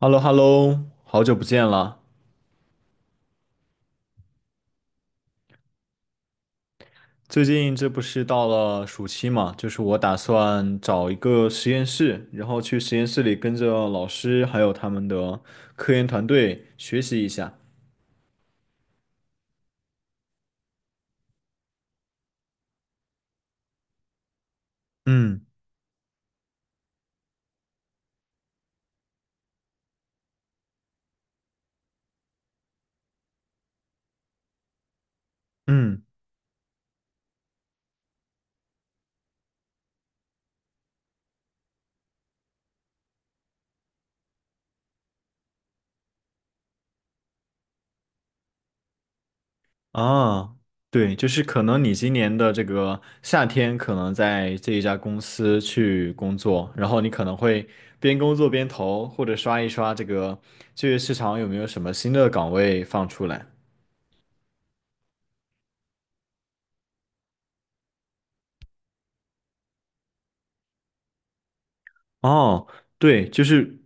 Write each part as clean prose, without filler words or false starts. h e l l o h e l l o 好久不见了。最近这不是到了暑期嘛，就是我打算找一个实验室，然后去实验室里跟着老师还有他们的科研团队学习一下。嗯嗯啊，对，就是可能你今年的这个夏天可能在这一家公司去工作，然后你可能会边工作边投，或者刷一刷这个就业市场有没有什么新的岗位放出来。哦，对，就是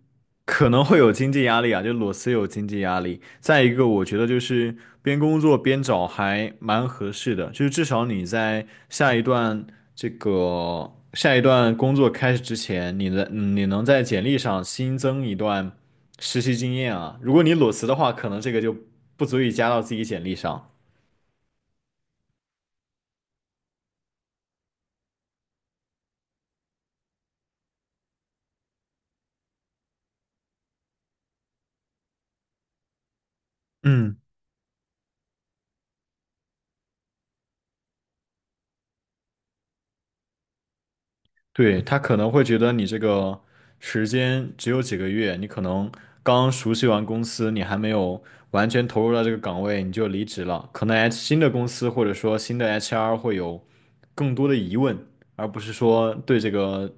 可能会有经济压力啊，就裸辞有经济压力。再一个，我觉得就是边工作边找还蛮合适的，就是至少你在下一段工作开始之前，你的你能在简历上新增一段实习经验啊。如果你裸辞的话，可能这个就不足以加到自己简历上。嗯。对，他可能会觉得你这个时间只有几个月，你可能刚熟悉完公司，你还没有完全投入到这个岗位，你就离职了。可能 新的公司或者说新的 HR 会有更多的疑问，而不是说对这个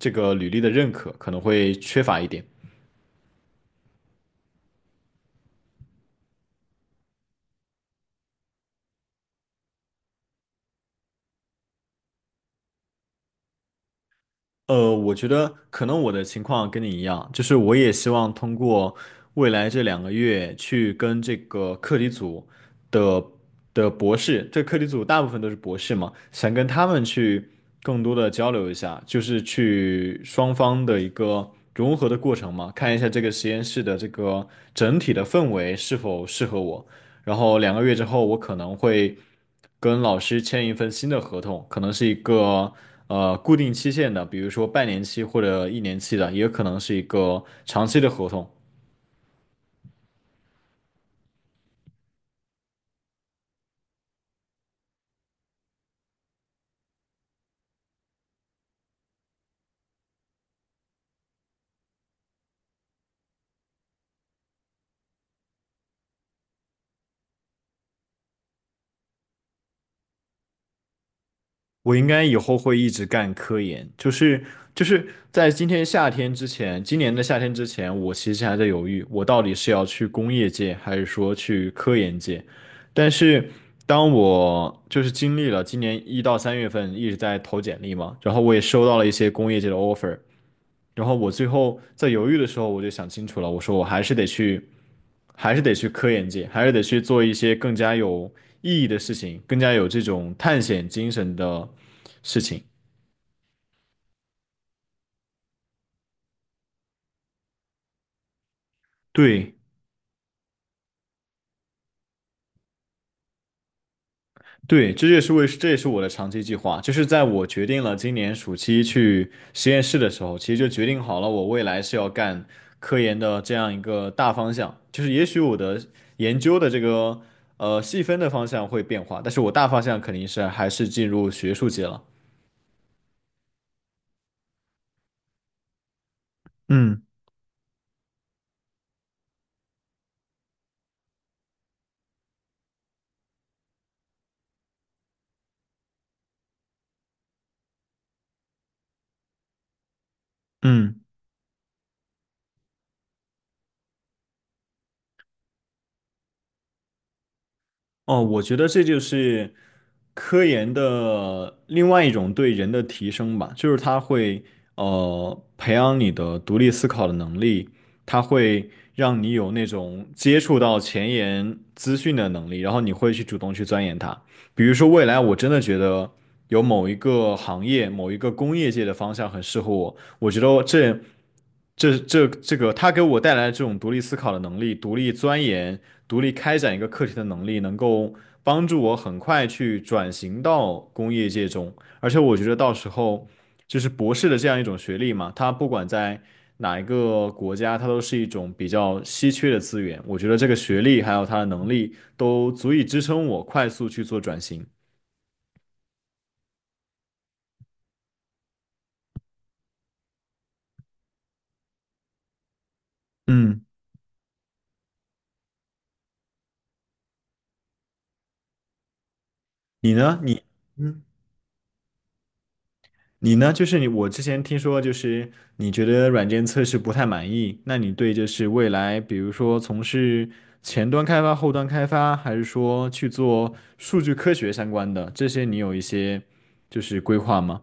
这个履历的认可可能会缺乏一点。我觉得可能我的情况跟你一样，就是我也希望通过未来这两个月去跟这个课题组。的的博士，这课题组大部分都是博士嘛，想跟他们去更多的交流一下，就是去双方的一个融合的过程嘛，看一下这个实验室的这个整体的氛围是否适合我。然后两个月之后，我可能会跟老师签一份新的合同，可能是一个固定期限的，比如说半年期或者一年期的，也有可能是一个长期的合同。我应该以后会一直干科研，就是在今天夏天之前，今年的夏天之前，我其实还在犹豫，我到底是要去工业界，还是说去科研界。但是当我就是经历了今年1到3月份一直在投简历嘛，然后我也收到了一些工业界的 offer，然后我最后在犹豫的时候，我就想清楚了，我说我还是得去，还是得去科研界，还是得去做一些更加有意义的事情，更加有这种探险精神的事情。对，对，这也是我的长期计划。就是在我决定了今年暑期去实验室的时候，其实就决定好了我未来是要干科研的这样一个大方向。就是也许我的研究的这个细分的方向会变化，但是我大方向肯定是还是进入学术界了。嗯嗯。哦，我觉得这就是科研的另外一种对人的提升吧，就是它会培养你的独立思考的能力，它会让你有那种接触到前沿资讯的能力，然后你会去主动去钻研它。比如说未来我真的觉得有某一个行业、某一个工业界的方向很适合我，我觉得这个他给我带来的这种独立思考的能力、独立钻研、独立开展一个课题的能力，能够帮助我很快去转型到工业界中。而且我觉得到时候就是博士的这样一种学历嘛，它不管在哪一个国家，它都是一种比较稀缺的资源。我觉得这个学历还有他的能力都足以支撑我快速去做转型。嗯，你呢？嗯。你呢？就是你，我之前听说，就是你觉得软件测试不太满意，那你对就是未来，比如说从事前端开发、后端开发，还是说去做数据科学相关的，这些你有一些就是规划吗？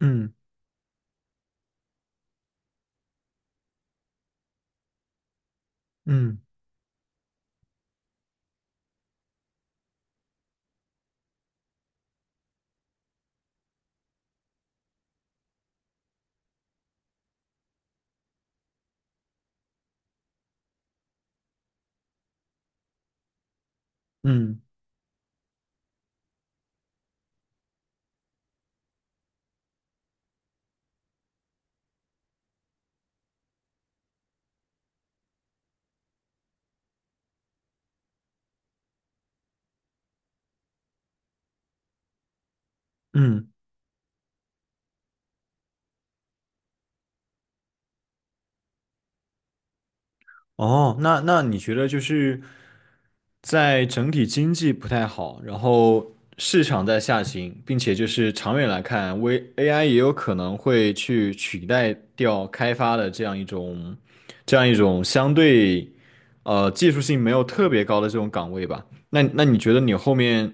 嗯嗯嗯嗯，哦，那你觉得就是在整体经济不太好，然后市场在下行，并且就是长远来看，微 AI 也有可能会去取代掉开发的这样一种相对技术性没有特别高的这种岗位吧？那那你觉得你后面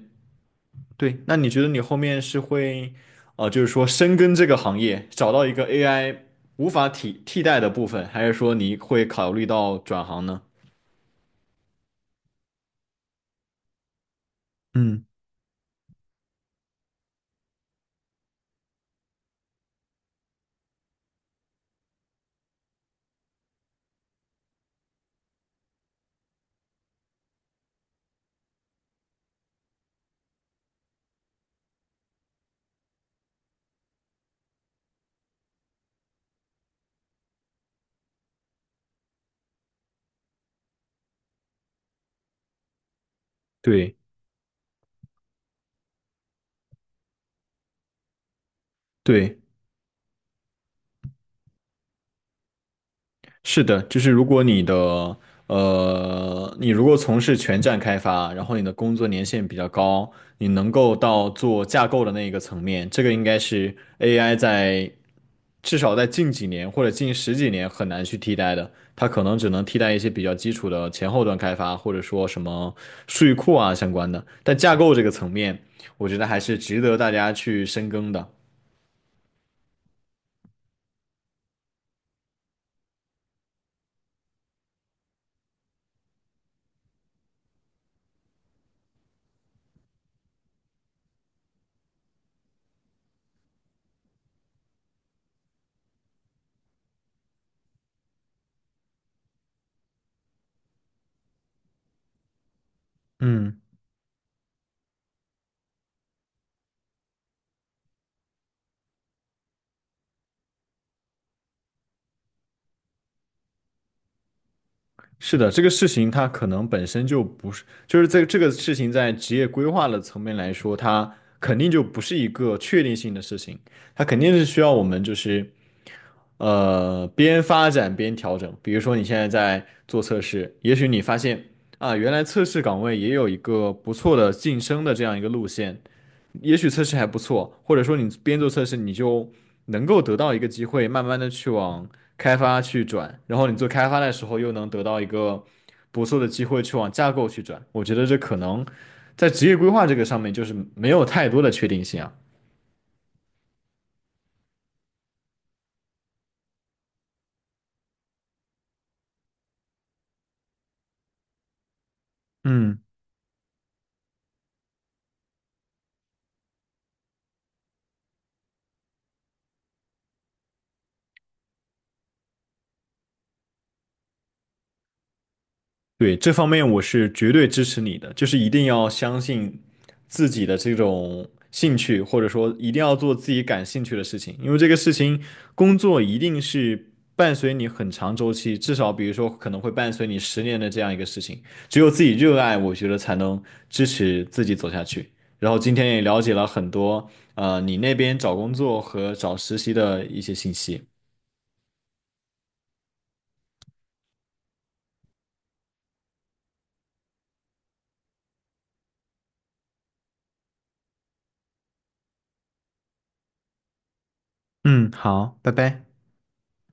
对，那你觉得你后面是会深耕这个行业，找到一个 AI 无法替代的部分，还是说你会考虑到转行呢？嗯，对对，是的，就是如果你的你如果从事全站开发，然后你的工作年限比较高，你能够到做架构的那一个层面，这个应该是 AI 在至少在近几年或者近十几年很难去替代的，它可能只能替代一些比较基础的前后端开发，或者说什么数据库啊相关的，但架构这个层面，我觉得还是值得大家去深耕的。嗯。是的，这个事情它可能本身就不是，就是这个事情在职业规划的层面来说，它肯定就不是一个确定性的事情，它肯定是需要我们就是边发展边调整。比如说，你现在在做测试，也许你发现啊，原来测试岗位也有一个不错的晋升的这样一个路线，也许测试还不错，或者说你边做测试，你就能够得到一个机会，慢慢的去往开发去转，然后你做开发的时候又能得到一个不错的机会去往架构去转。我觉得这可能在职业规划这个上面就是没有太多的确定性啊。嗯。对，这方面我是绝对支持你的，就是一定要相信自己的这种兴趣，或者说一定要做自己感兴趣的事情，因为这个事情工作一定是伴随你很长周期，至少比如说可能会伴随你10年的这样一个事情，只有自己热爱，我觉得才能支持自己走下去。然后今天也了解了很多，你那边找工作和找实习的一些信息。嗯，好，拜拜。